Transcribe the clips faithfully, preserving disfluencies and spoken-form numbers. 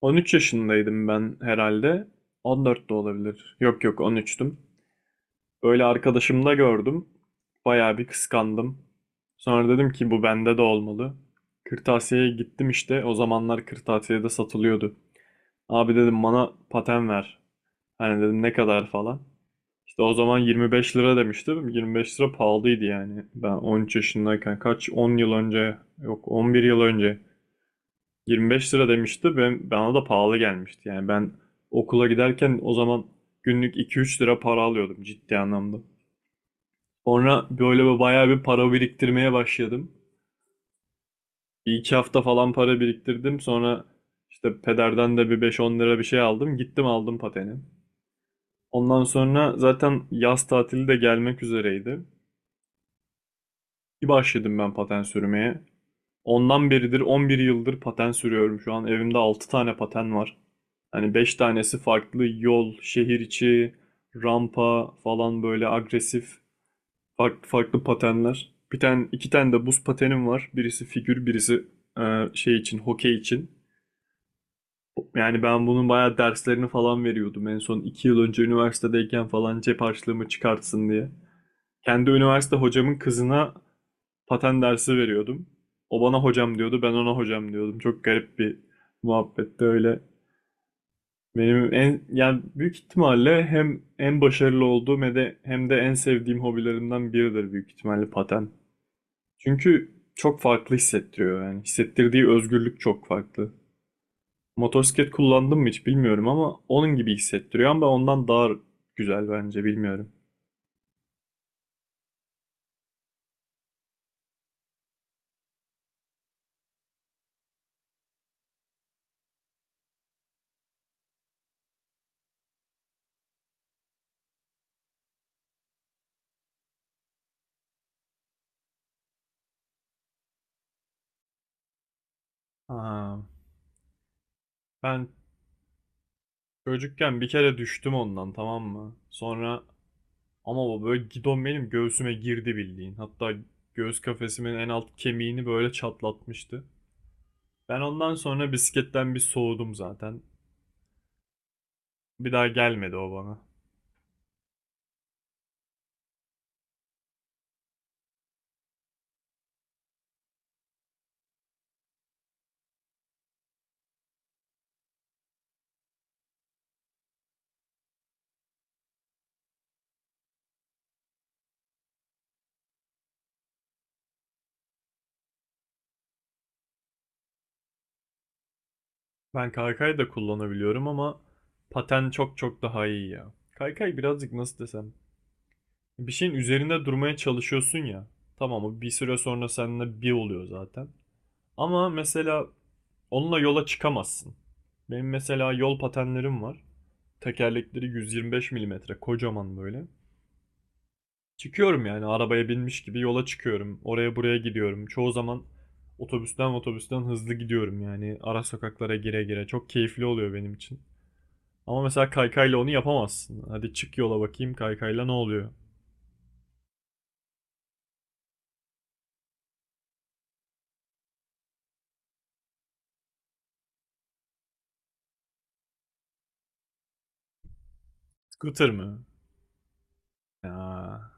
on üç yaşındaydım ben herhalde. on dört de olabilir. Yok yok on üçtüm. Böyle arkadaşımda gördüm. Bayağı bir kıskandım. Sonra dedim ki bu bende de olmalı. Kırtasiye'ye gittim işte. O zamanlar kırtasiyede satılıyordu. Abi dedim bana paten ver. Hani dedim ne kadar falan. İşte o zaman yirmi beş lira demiştim. yirmi beş lira pahalıydı yani. Ben on üç yaşındayken kaç on yıl önce yok on bir yıl önce. yirmi beş lira demişti. Ben, bana da pahalı gelmişti. Yani ben okula giderken o zaman günlük iki üç lira para alıyordum ciddi anlamda. Sonra böyle bir bayağı bir para biriktirmeye başladım. Bir iki hafta falan para biriktirdim. Sonra işte pederden de bir beş on lira bir şey aldım. Gittim aldım pateni. Ondan sonra zaten yaz tatili de gelmek üzereydi. Bir başladım ben paten sürmeye. Ondan beridir on bir yıldır paten sürüyorum şu an. Evimde altı tane paten var. Hani beş tanesi farklı yol, şehir içi, rampa falan böyle agresif farklı farklı patenler. Bir tane iki tane de buz patenim var. Birisi figür, birisi e, şey için, hokey için. Yani ben bunun bayağı derslerini falan veriyordum. En son iki yıl önce üniversitedeyken falan cep harçlığımı çıkartsın diye. Kendi üniversite hocamın kızına paten dersi veriyordum. O bana hocam diyordu, ben ona hocam diyordum. Çok garip bir muhabbetti öyle. Benim en yani büyük ihtimalle hem en başarılı olduğum hem de hem de en sevdiğim hobilerimden biridir büyük ihtimalle paten. Çünkü çok farklı hissettiriyor yani. Hissettirdiği özgürlük çok farklı. Motosiklet kullandım mı hiç bilmiyorum ama onun gibi hissettiriyor ama ondan daha güzel bence bilmiyorum. Aa, ben çocukken bir kere düştüm ondan, tamam mı? Sonra ama o böyle gidon benim göğsüme girdi bildiğin. Hatta göğüs kafesimin en alt kemiğini böyle çatlatmıştı. Ben ondan sonra bisikletten bir soğudum zaten. Bir daha gelmedi o bana. Ben kaykay da kullanabiliyorum ama paten çok çok daha iyi ya. Kaykay birazcık nasıl desem. Bir şeyin üzerinde durmaya çalışıyorsun ya. Tamam o bir süre sonra seninle bir oluyor zaten. Ama mesela onunla yola çıkamazsın. Benim mesela yol patenlerim var. Tekerlekleri yüz yirmi beş milimetre kocaman böyle. Çıkıyorum yani arabaya binmiş gibi yola çıkıyorum. Oraya buraya gidiyorum. Çoğu zaman otobüsten otobüsten hızlı gidiyorum yani. Ara sokaklara gire gire. Çok keyifli oluyor benim için. Ama mesela kaykayla onu yapamazsın. Hadi çık yola bakayım kaykayla ne oluyor? Scooter mı? Ya.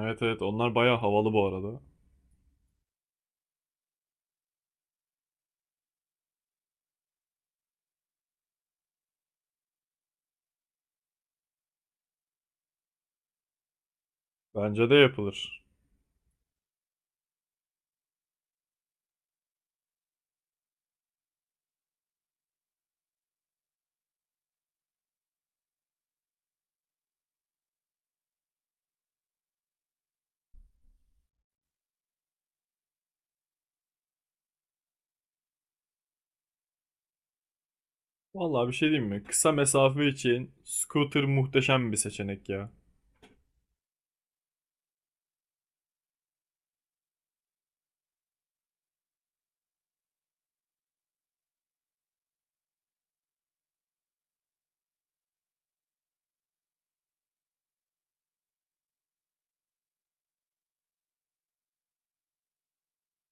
Evet evet onlar bayağı havalı bu arada. Bence de yapılır. Vallahi bir şey diyeyim mi? Kısa mesafe için scooter muhteşem bir seçenek ya.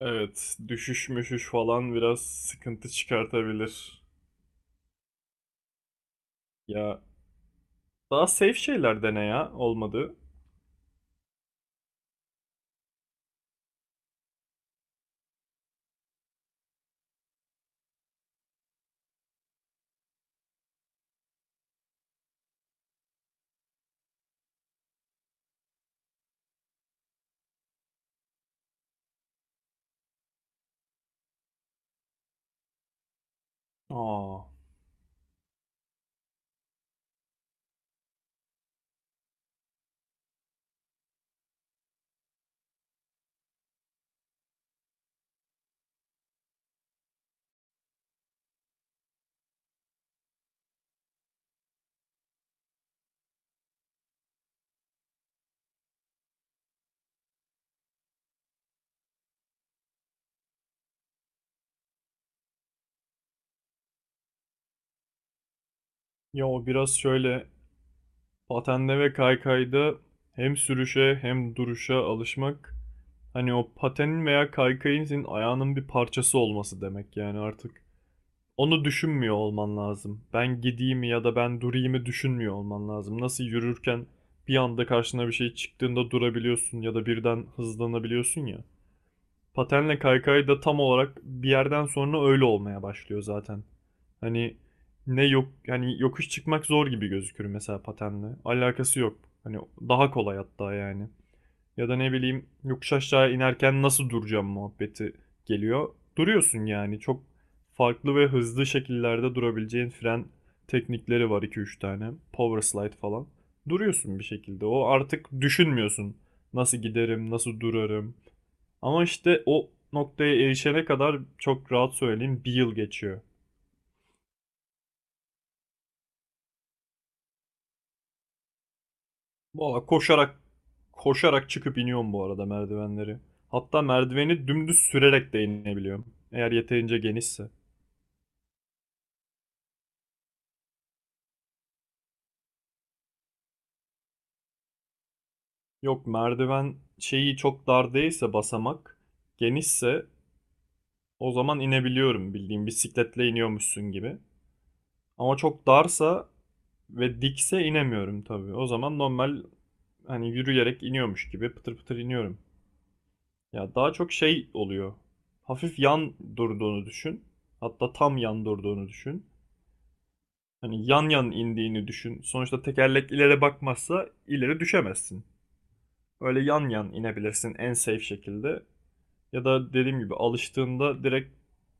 Evet, düşüş müşüş falan biraz sıkıntı çıkartabilir. Ya daha safe şeyler dene ya olmadı. Aa, ya o biraz şöyle patenle ve kaykayda hem sürüşe hem duruşa alışmak. Hani o patenin veya kaykayın senin ayağının bir parçası olması demek yani artık. Onu düşünmüyor olman lazım. Ben gideyim ya da ben durayımı düşünmüyor olman lazım. Nasıl yürürken bir anda karşına bir şey çıktığında durabiliyorsun ya da birden hızlanabiliyorsun ya. Patenle kaykay da tam olarak bir yerden sonra öyle olmaya başlıyor zaten. Hani ne yok yani yokuş çıkmak zor gibi gözükür mesela patenle. Alakası yok. Hani daha kolay hatta yani. Ya da ne bileyim yokuş aşağı inerken nasıl duracağım muhabbeti geliyor. Duruyorsun yani çok farklı ve hızlı şekillerde durabileceğin fren teknikleri var iki üç tane. Power slide falan. Duruyorsun bir şekilde. O artık düşünmüyorsun. Nasıl giderim, nasıl durarım. Ama işte o noktaya erişene kadar çok rahat söyleyeyim bir yıl geçiyor. Valla koşarak koşarak çıkıp iniyorum bu arada merdivenleri. Hatta merdiveni dümdüz sürerek de inebiliyorum. Eğer yeterince genişse. Yok merdiven şeyi çok dar değilse basamak genişse o zaman inebiliyorum bildiğin bisikletle iniyormuşsun gibi. Ama çok darsa ve dikse inemiyorum tabii. O zaman normal hani yürüyerek iniyormuş gibi pıtır pıtır iniyorum. Ya daha çok şey oluyor. Hafif yan durduğunu düşün. Hatta tam yan durduğunu düşün. Hani yan yan indiğini düşün. Sonuçta tekerlek ileri bakmazsa ileri düşemezsin. Öyle yan yan inebilirsin en safe şekilde. Ya da dediğim gibi alıştığında direkt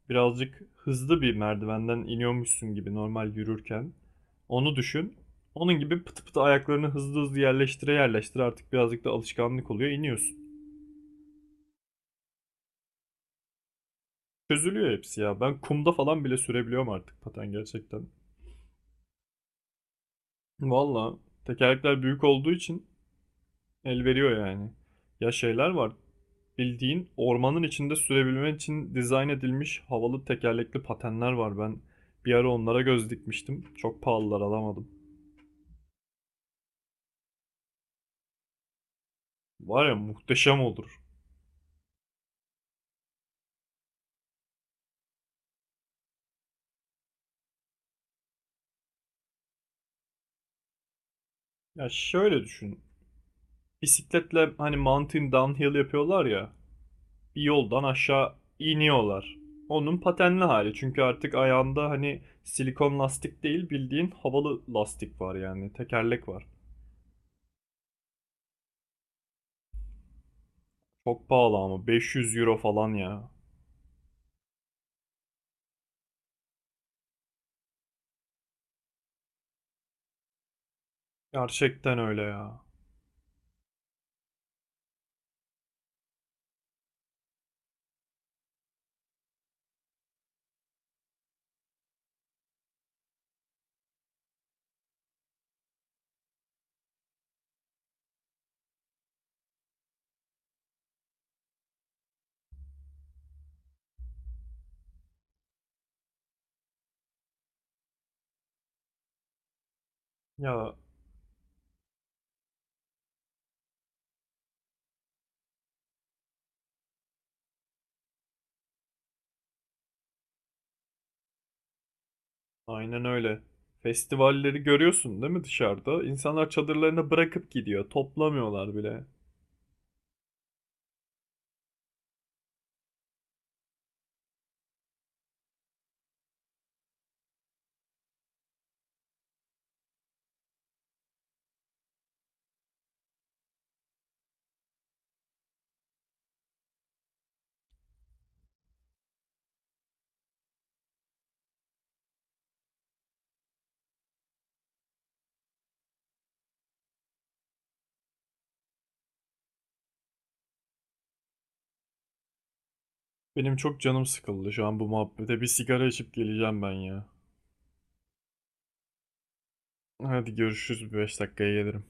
birazcık hızlı bir merdivenden iniyormuşsun gibi normal yürürken. Onu düşün. Onun gibi pıtı pıtı ayaklarını hızlı hızlı yerleştire yerleştire artık birazcık da alışkanlık oluyor iniyorsun. Çözülüyor hepsi ya. Ben kumda falan bile sürebiliyorum artık paten gerçekten. Valla tekerlekler büyük olduğu için el veriyor yani. Ya şeyler var. Bildiğin ormanın içinde sürebilmen için dizayn edilmiş havalı tekerlekli patenler var. Ben bir ara onlara göz dikmiştim. Çok pahalılar alamadım. Var ya muhteşem olur. Ya şöyle düşün. Bisikletle hani mountain downhill yapıyorlar ya. Bir yoldan aşağı iniyorlar. Onun patenli hali. Çünkü artık ayağında hani silikon lastik değil bildiğin havalı lastik var yani. Tekerlek var. Çok pahalı ama beş yüz euro falan ya. Gerçekten öyle ya. Ya aynen öyle. Festivalleri görüyorsun değil mi dışarıda? İnsanlar çadırlarını bırakıp gidiyor. Toplamıyorlar bile. Benim çok canım sıkıldı şu an bu muhabbete. Bir sigara içip geleceğim ben ya. Hadi görüşürüz. Bir beş dakikaya gelirim.